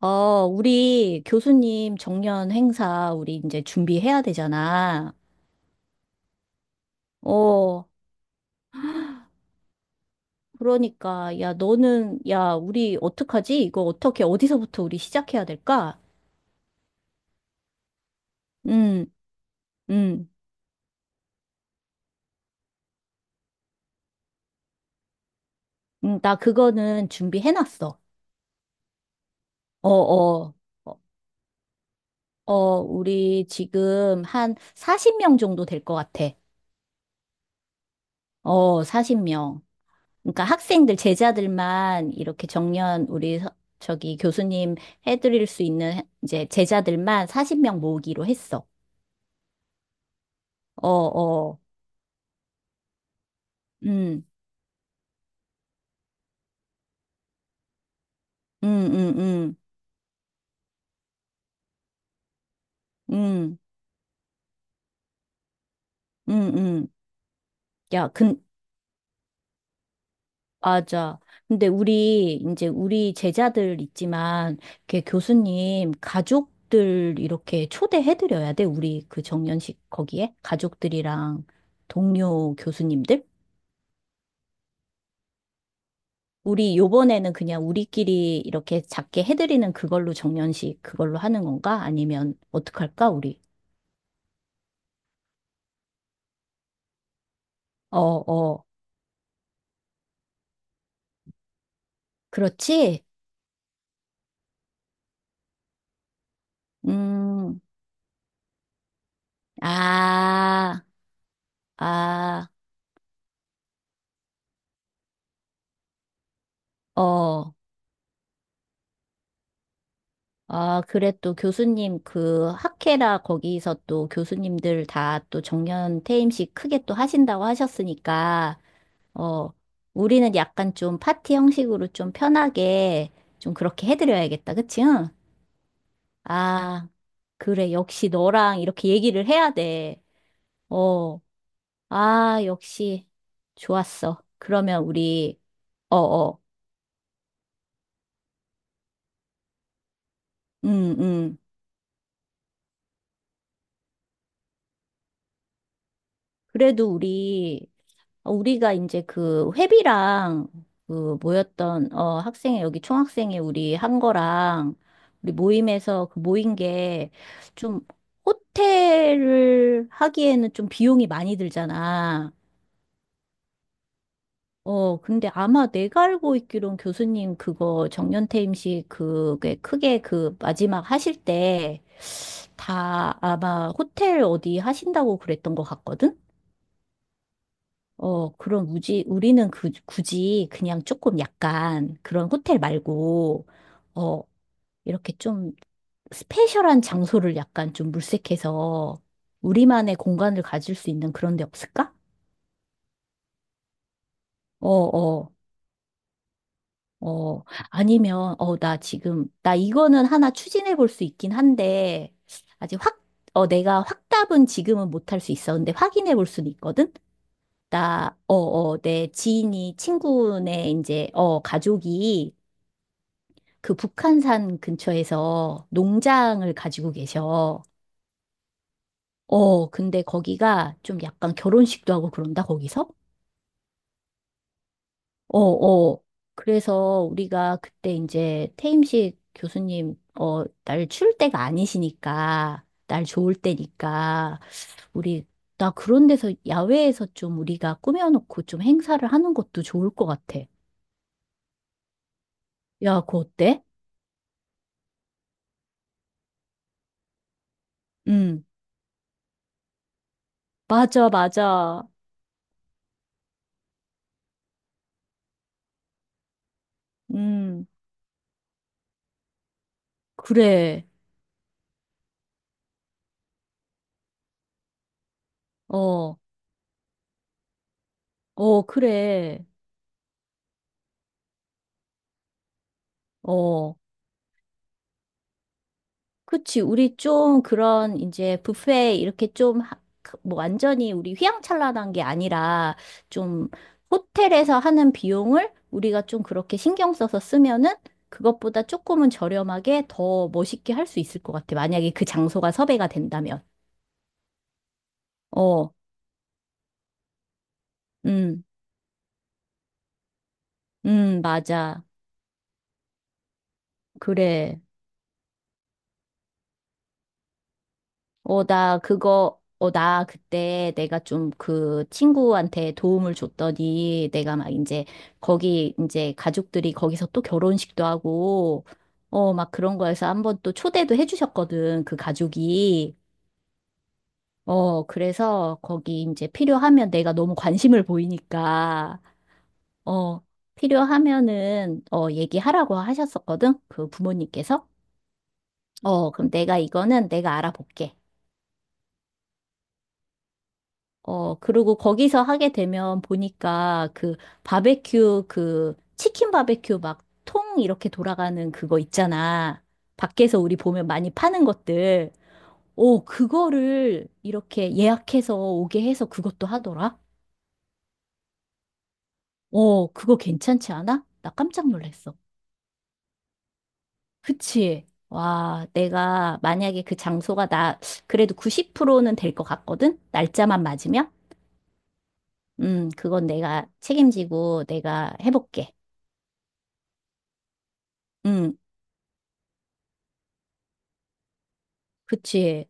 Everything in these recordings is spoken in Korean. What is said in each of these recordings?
우리 교수님 정년 행사 우리 이제 준비해야 되잖아. 어, 그러니까 야 너는 야 우리 어떡하지? 이거 어떻게 어디서부터 우리 시작해야 될까? 음, 음, 나 그거는 준비해놨어. 어, 어, 어, 어, 우리 지금 한 40명 정도 될 것 같아. 어, 40명. 그러니까 학생들, 제자들만 이렇게 정년 우리 저기 교수님 해드릴 수 있는 이제 제자들만 40명 모으기로 했어. 어, 어, 음, 음, 음, 음, 음, 음, 음. 야, 근, 맞아. 근데 우리, 이제 우리 제자들 있지만, 이렇게 교수님, 가족들 이렇게 초대해드려야 돼. 우리 그 정년식 거기에? 가족들이랑 동료 교수님들? 우리 요번에는 그냥 우리끼리 이렇게 작게 해드리는 그걸로 정년식 그걸로 하는 건가? 아니면 어떡할까, 우리? 어, 어, 그렇지? 음, 아, 아, 어, 아, 그래. 또 교수님 그 학회라 거기서 또 교수님들 다 또 정년 퇴임식 크게 또 하신다고 하셨으니까, 어, 우리는 약간 좀 파티 형식으로 좀 편하게 좀 그렇게 해드려야겠다, 그치? 응? 아, 그래. 역시 너랑 이렇게 얘기를 해야 돼. 어, 아, 역시. 좋았어. 그러면 우리, 어어, 음, 음. 그래도 우리, 우리가 이제 그 회비랑 그 모였던, 학생회, 여기 총학생회 우리 한 거랑 우리 모임에서 그 모인 게 좀 호텔을 하기에는 좀 비용이 많이 들잖아. 어, 근데 아마 내가 알고 있기론 교수님 그거 정년퇴임식 그게 크게 그 마지막 하실 때 다 아마 호텔 어디 하신다고 그랬던 것 같거든? 어, 그럼 우리는 그, 굳이 그냥 조금 약간 그런 호텔 말고, 어, 이렇게 좀 스페셜한 장소를 약간 좀 물색해서 우리만의 공간을 가질 수 있는 그런 데 없을까? 어, 어. 어, 아니면, 나 지금, 나 이거는 하나 추진해 볼 수 있긴 한데, 아직 확, 내가 확답은 지금은 못할 수 있어. 근데 확인해 볼 수는 있거든? 내 지인이, 친구네, 이제, 가족이 그 북한산 근처에서 농장을 가지고 계셔. 어, 근데 거기가 좀 약간 결혼식도 하고 그런다, 거기서? 어, 어. 그래서 우리가 그때 이제 태임식 교수님, 날 추울 때가 아니시니까, 날 좋을 때니까, 우리, 나 그런 데서, 야외에서 좀 우리가 꾸며놓고 좀 행사를 하는 것도 좋을 것 같아. 야, 그거 어때? 음, 맞아, 맞아. 음, 그래. 어, 그래. 어. 그치. 우리 좀 그런 이제 뷔페 이렇게 그뭐 완전히 우리 휘황찬란한 게 아니라 좀 호텔에서 하는 비용을 우리가 좀 그렇게 신경 써서 쓰면은 그것보다 조금은 저렴하게 더 멋있게 할 수 있을 것 같아. 만약에 그 장소가 섭외가 된다면. 어, 음, 맞아. 그래. 어, 나 그거, 나 그때 내가 좀 그 친구한테 도움을 줬더니 내가 막 이제 거기 이제 가족들이 거기서 또 결혼식도 하고, 막 그런 거에서 한번 또 초대도 해주셨거든, 그 가족이. 어, 그래서 거기 이제 필요하면 내가 너무 관심을 보이니까, 어, 필요하면은, 얘기하라고 하셨었거든, 그 부모님께서. 어, 그럼 내가 이거는 내가 알아볼게. 어, 그리고 거기서 하게 되면 보니까 그 바베큐, 그 치킨 바베큐 막 통 이렇게 돌아가는 그거 있잖아. 밖에서 우리 보면 많이 파는 것들. 오, 그거를 이렇게 예약해서 오게 해서 그것도 하더라. 어, 그거 괜찮지 않아? 나 깜짝 놀랐어. 그치? 와, 내가 만약에 그 장소가 나 그래도 90%는 될 것 같거든? 날짜만 맞으면? 그건 내가 책임지고 내가 해볼게. 음. 그치,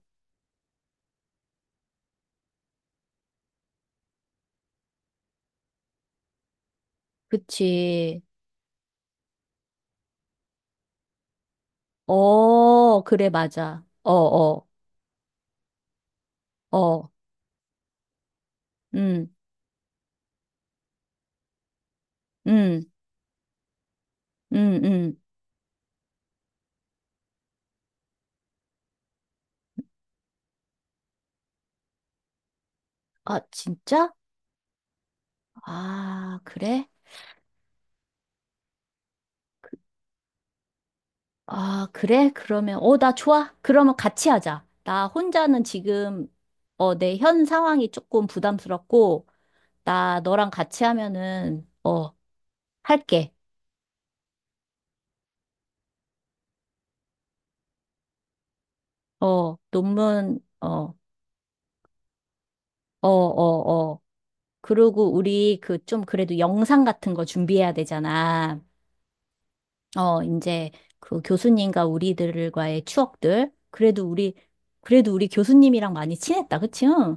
그치. 어, 그래, 맞아. 어. 음, 음, 음, 음. 아, 진짜? 아, 그래? 아, 그래? 그러면, 나 좋아. 그러면 같이 하자. 나 혼자는 지금, 내 현 상황이 조금 부담스럽고, 나 너랑 같이 하면은, 할게. 어, 논문, 어, 어, 어, 어. 그리고 우리 그 좀 그래도 영상 같은 거 준비해야 되잖아. 어, 이제 그 교수님과 우리들과의 추억들. 그래도 우리, 그래도 우리 교수님이랑 많이 친했다. 그치? 응,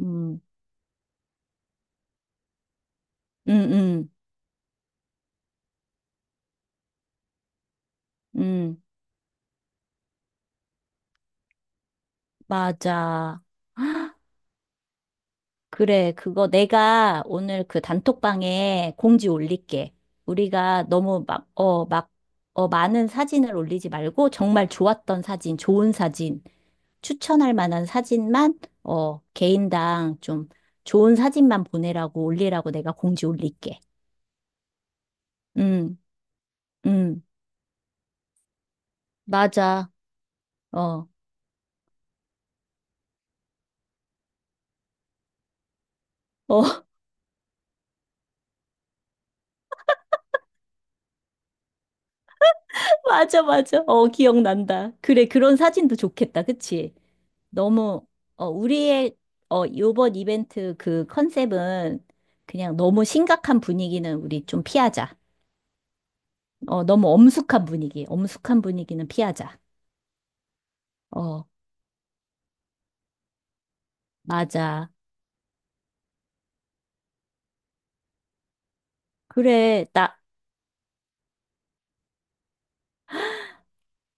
음, 음, 음, 음, 맞아. 그래, 그거 내가 오늘 그 단톡방에 공지 올릴게. 우리가 너무 막, 많은 사진을 올리지 말고 정말 좋았던 사진, 좋은 사진, 추천할 만한 사진만, 개인당 좀 좋은 사진만 보내라고 올리라고 내가 공지 올릴게. 응 응 맞아. 어, 어, 맞아, 맞아. 어, 기억난다. 그래, 그런 사진도 좋겠다. 그치? 너무, 어, 우리의, 어, 요번 이벤트 그 컨셉은 그냥 너무 심각한 분위기는 우리 좀 피하자. 너무 엄숙한 분위기, 엄숙한 분위기는 피하자. 어, 맞아. 그래, 나,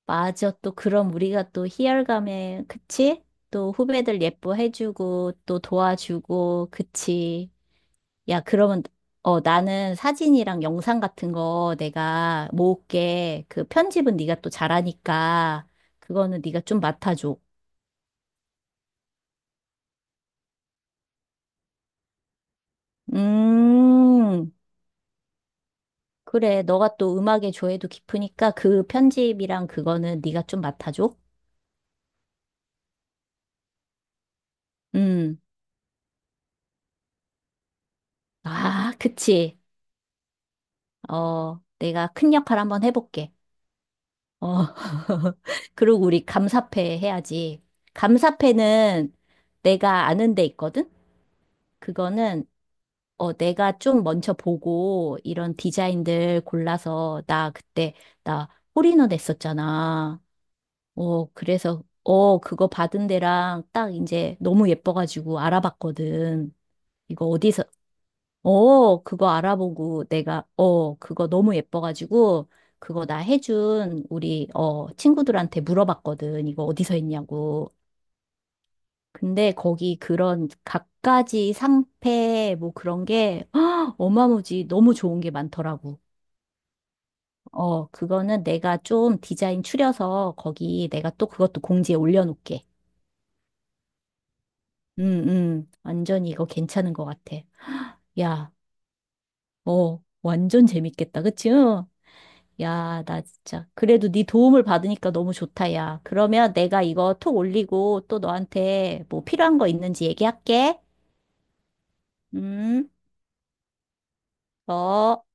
맞아. 또 그럼 우리가 또 희열감에, 그치? 또 후배들 예뻐해주고, 또 도와주고, 그치? 야, 그러면, 나는 사진이랑 영상 같은 거 내가 모을게. 그 편집은 네가 또 잘하니까, 그거는 네가 좀 맡아줘. 음, 그래. 너가 또 음악에 조예도 깊으니까 그 편집이랑 그거는 네가 좀 맡아줘. 음, 아, 그치. 어, 내가 큰 역할 한번 해볼게. 어, 그리고 우리 감사패 해야지. 감사패는 내가 아는 데 있거든? 그거는 내가 좀 먼저 보고 이런 디자인들 골라서 나 그때 나 홀인원 했었잖아. 어, 그래서 그거 받은 데랑 딱 이제 너무 예뻐가지고 알아봤거든. 이거 어디서 그거 알아보고 내가 그거 너무 예뻐가지고 그거 나 해준 우리 친구들한테 물어봤거든. 이거 어디서 했냐고. 근데 거기 그런 갖가지 상패 뭐 그런 게 헉, 어마무지 너무 좋은 게 많더라고. 어, 그거는 내가 좀 디자인 추려서 거기 내가 또 그것도 공지에 올려놓게. 음, 완전히 이거 괜찮은 것 같아. 야, 어, 완전 재밌겠다. 그치? 응? 야, 나 진짜. 그래도 네 도움을 받으니까 너무 좋다, 야. 그러면 내가 이거 톡 올리고 또 너한테 뭐 필요한 거 있는지 얘기할게. 음, 어.